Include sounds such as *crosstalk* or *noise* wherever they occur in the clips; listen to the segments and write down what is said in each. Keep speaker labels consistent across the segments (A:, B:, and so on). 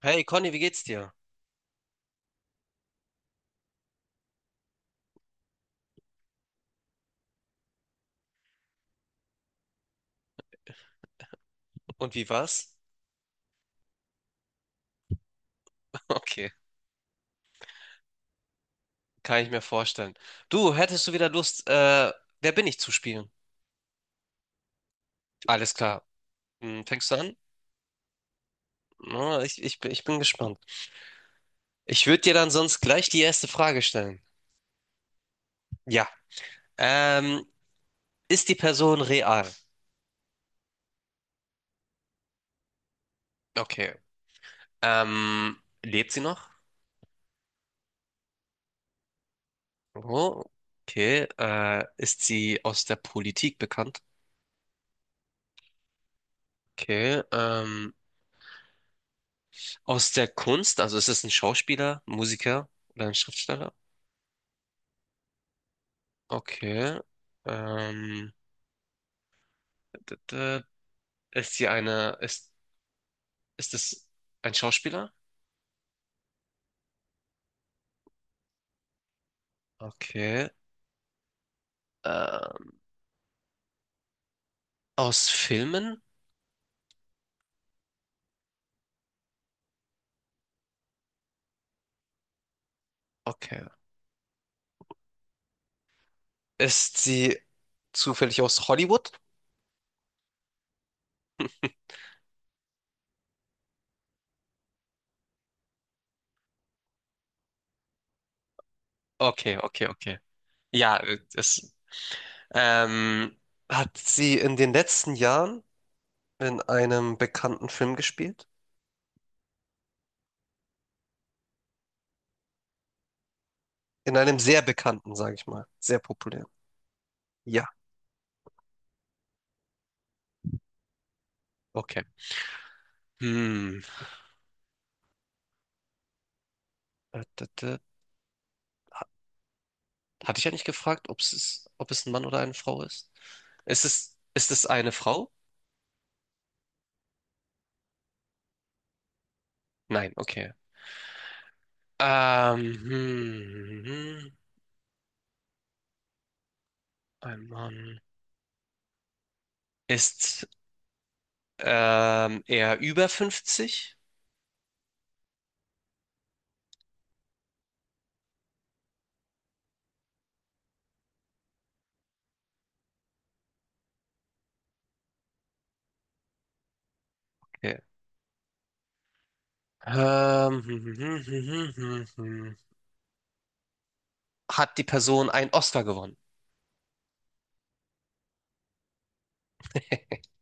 A: Hey Conny, wie geht's dir? Und wie war's? *laughs* Okay, kann ich mir vorstellen. Du, hättest du wieder Lust, wer bin ich zu spielen? Alles klar. Fängst du an? Na, ich bin gespannt. Ich würde dir dann sonst gleich die erste Frage stellen. Ja. Ähm, Ist die Person real? Okay. Ähm, Lebt sie noch? Oh, okay. Ist sie aus der Politik bekannt? Okay. Aus der Kunst? Also ist es ein Schauspieler, Musiker oder ein Schriftsteller? Okay. Ähm, d- d- ist sie eine, ist, Ist es ein Schauspieler? Okay. Ähm, Aus Filmen? Okay. Ist sie zufällig aus Hollywood? Okay, okay, okay. Ja, ähm, hat sie in den letzten Jahren in einem bekannten Film gespielt? In einem sehr bekannten, sage ich mal. Sehr populären. Ja, okay. Hm. Hatte ich ja nicht gefragt, ob es ein Mann oder eine Frau ist? Ist es eine Frau? Nein, okay. Ähm, hm, hm, hm, hm. Ein Mann. Ist er über 50? Okay. Ähm, hm, hm, hm, hm, hm, hm. hm, hm. Hat die Person einen Oscar gewonnen? *laughs*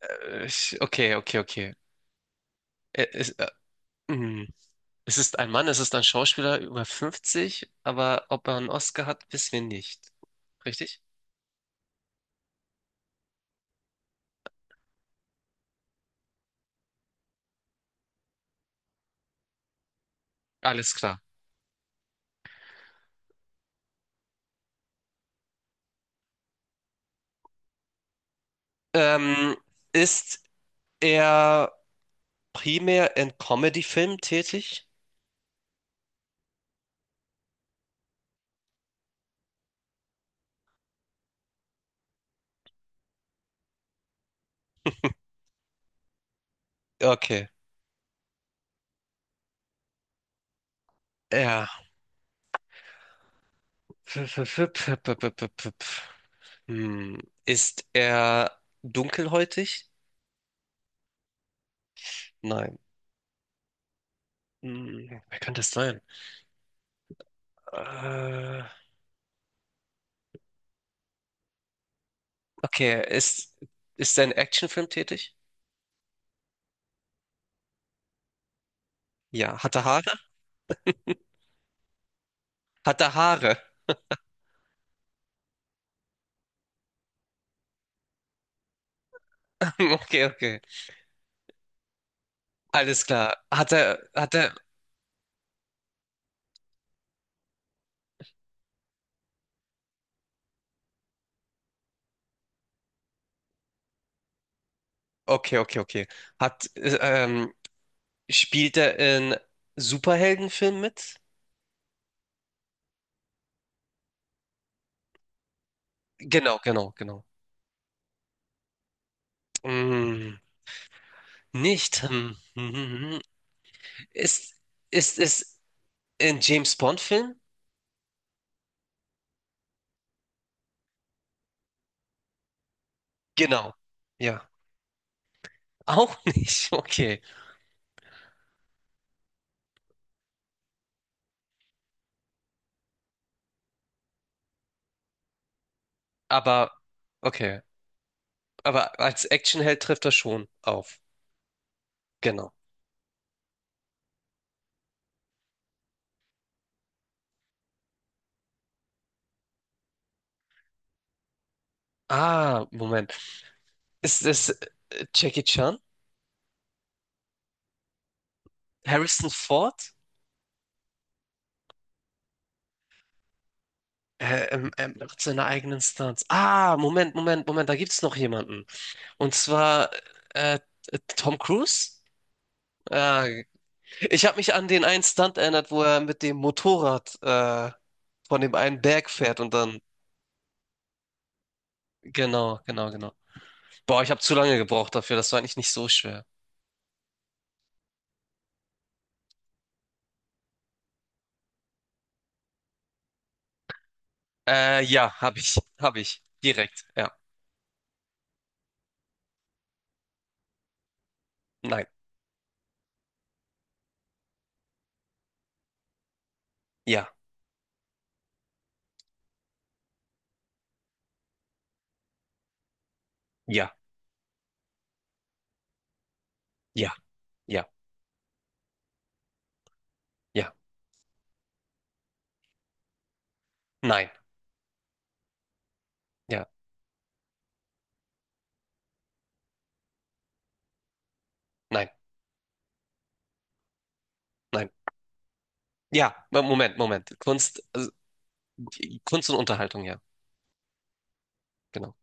A: Okay, okay, okay. Ä- Es, hm. es ist ein Mann, es ist ein Schauspieler über 50, aber ob er einen Oscar hat, wissen wir nicht. Richtig? Alles klar. Ähm, Ist er primär in Comedy-Filmen tätig? Okay. Ja. Hm. Ist er dunkelhäutig? Nein. Hm. Wer könnte es sein? Äh, okay. Ist er in Actionfilm tätig? Ja. Hat er Haare? Hat er Haare? *laughs* Okay, okay. Alles klar. Okay, okay, okay. Hat, äh, ähm, Spielt er in Superheldenfilmen mit? Genau, genau, genau. Mm, nicht. Hm. Ist, ist es ein James Bond-Film? Genau. Ja. Auch nicht. *laughs* Okay. Aber, okay. Aber als Actionheld trifft er schon auf. Genau. Ah, Moment. Ist es Jackie Chan? Harrison Ford? Macht seine eigenen Stunts. Ah, Moment, Moment, Moment, da gibt's noch jemanden. Und zwar äh, Tom Cruise? Ah, ich habe mich an den einen Stunt erinnert, wo er mit dem Motorrad von dem einen Berg fährt und dann. Genau, genau, genau. Boah, ich habe zu lange gebraucht dafür. Das war eigentlich nicht so schwer. Ja, habe ich, habe ich. Direkt. Ja, nein, ja, ja, ja, ja, ja, nein, ja, nein, nein. Ja, Moment, Moment. Kunst, also, Kunst und Unterhaltung, ja, genau.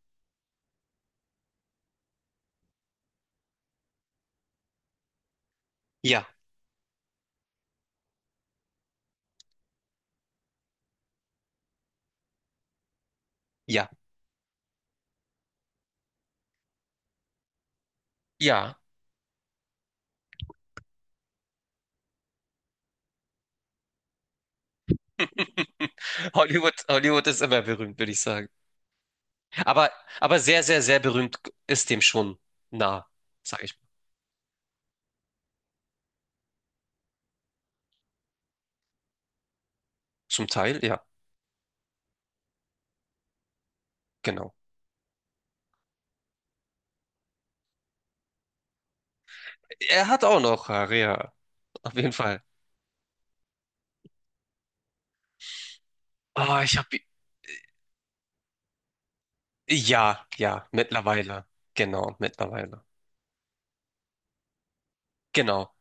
A: Ja, ja, ja. *laughs* Hollywood, Hollywood ist immer berühmt, würde ich sagen. Aber, aber sehr, sehr, sehr berühmt ist dem schon nah, sag ich mal. Zum Teil, ja, genau. Er hat auch noch Haare, ja, auf jeden Fall. Ah, ich habe ja, ja, mittlerweile. Genau, mittlerweile. Genau.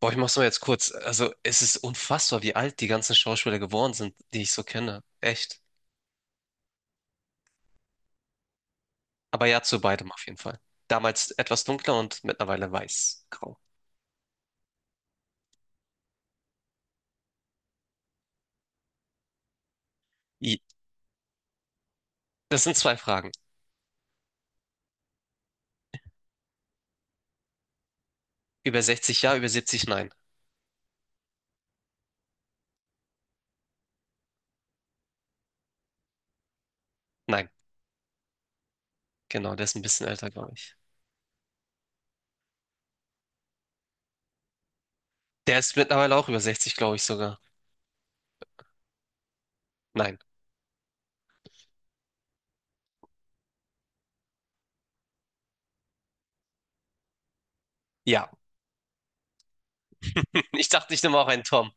A: Boah, ich mach's nur jetzt kurz. Also, es ist unfassbar, wie alt die ganzen Schauspieler geworden sind, die ich so kenne. Echt. Aber ja, zu beidem auf jeden Fall. Damals etwas dunkler und mittlerweile weiß, grau. I. Das sind zwei Fragen. Über 60 ja, über 70 nein. Nein, genau, der ist ein bisschen älter, glaube ich. Der ist mittlerweile auch über 60, glaube ich sogar. Nein. Ja. *laughs* Ich dachte, ich nehme auch einen Tom.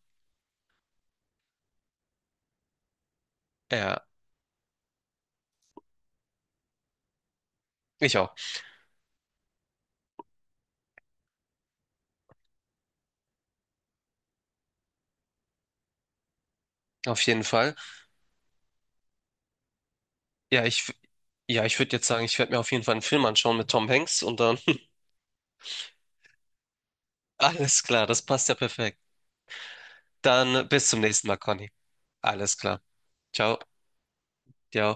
A: Ja, ich auch. Auf jeden Fall. Ja, ich, w- ja, ich würde jetzt sagen, ich werde mir auf jeden Fall einen Film anschauen mit Tom Hanks und dann *laughs* Alles klar, das passt ja perfekt. Dann bis zum nächsten Mal, Conny. Alles klar. Ciao. Ciao.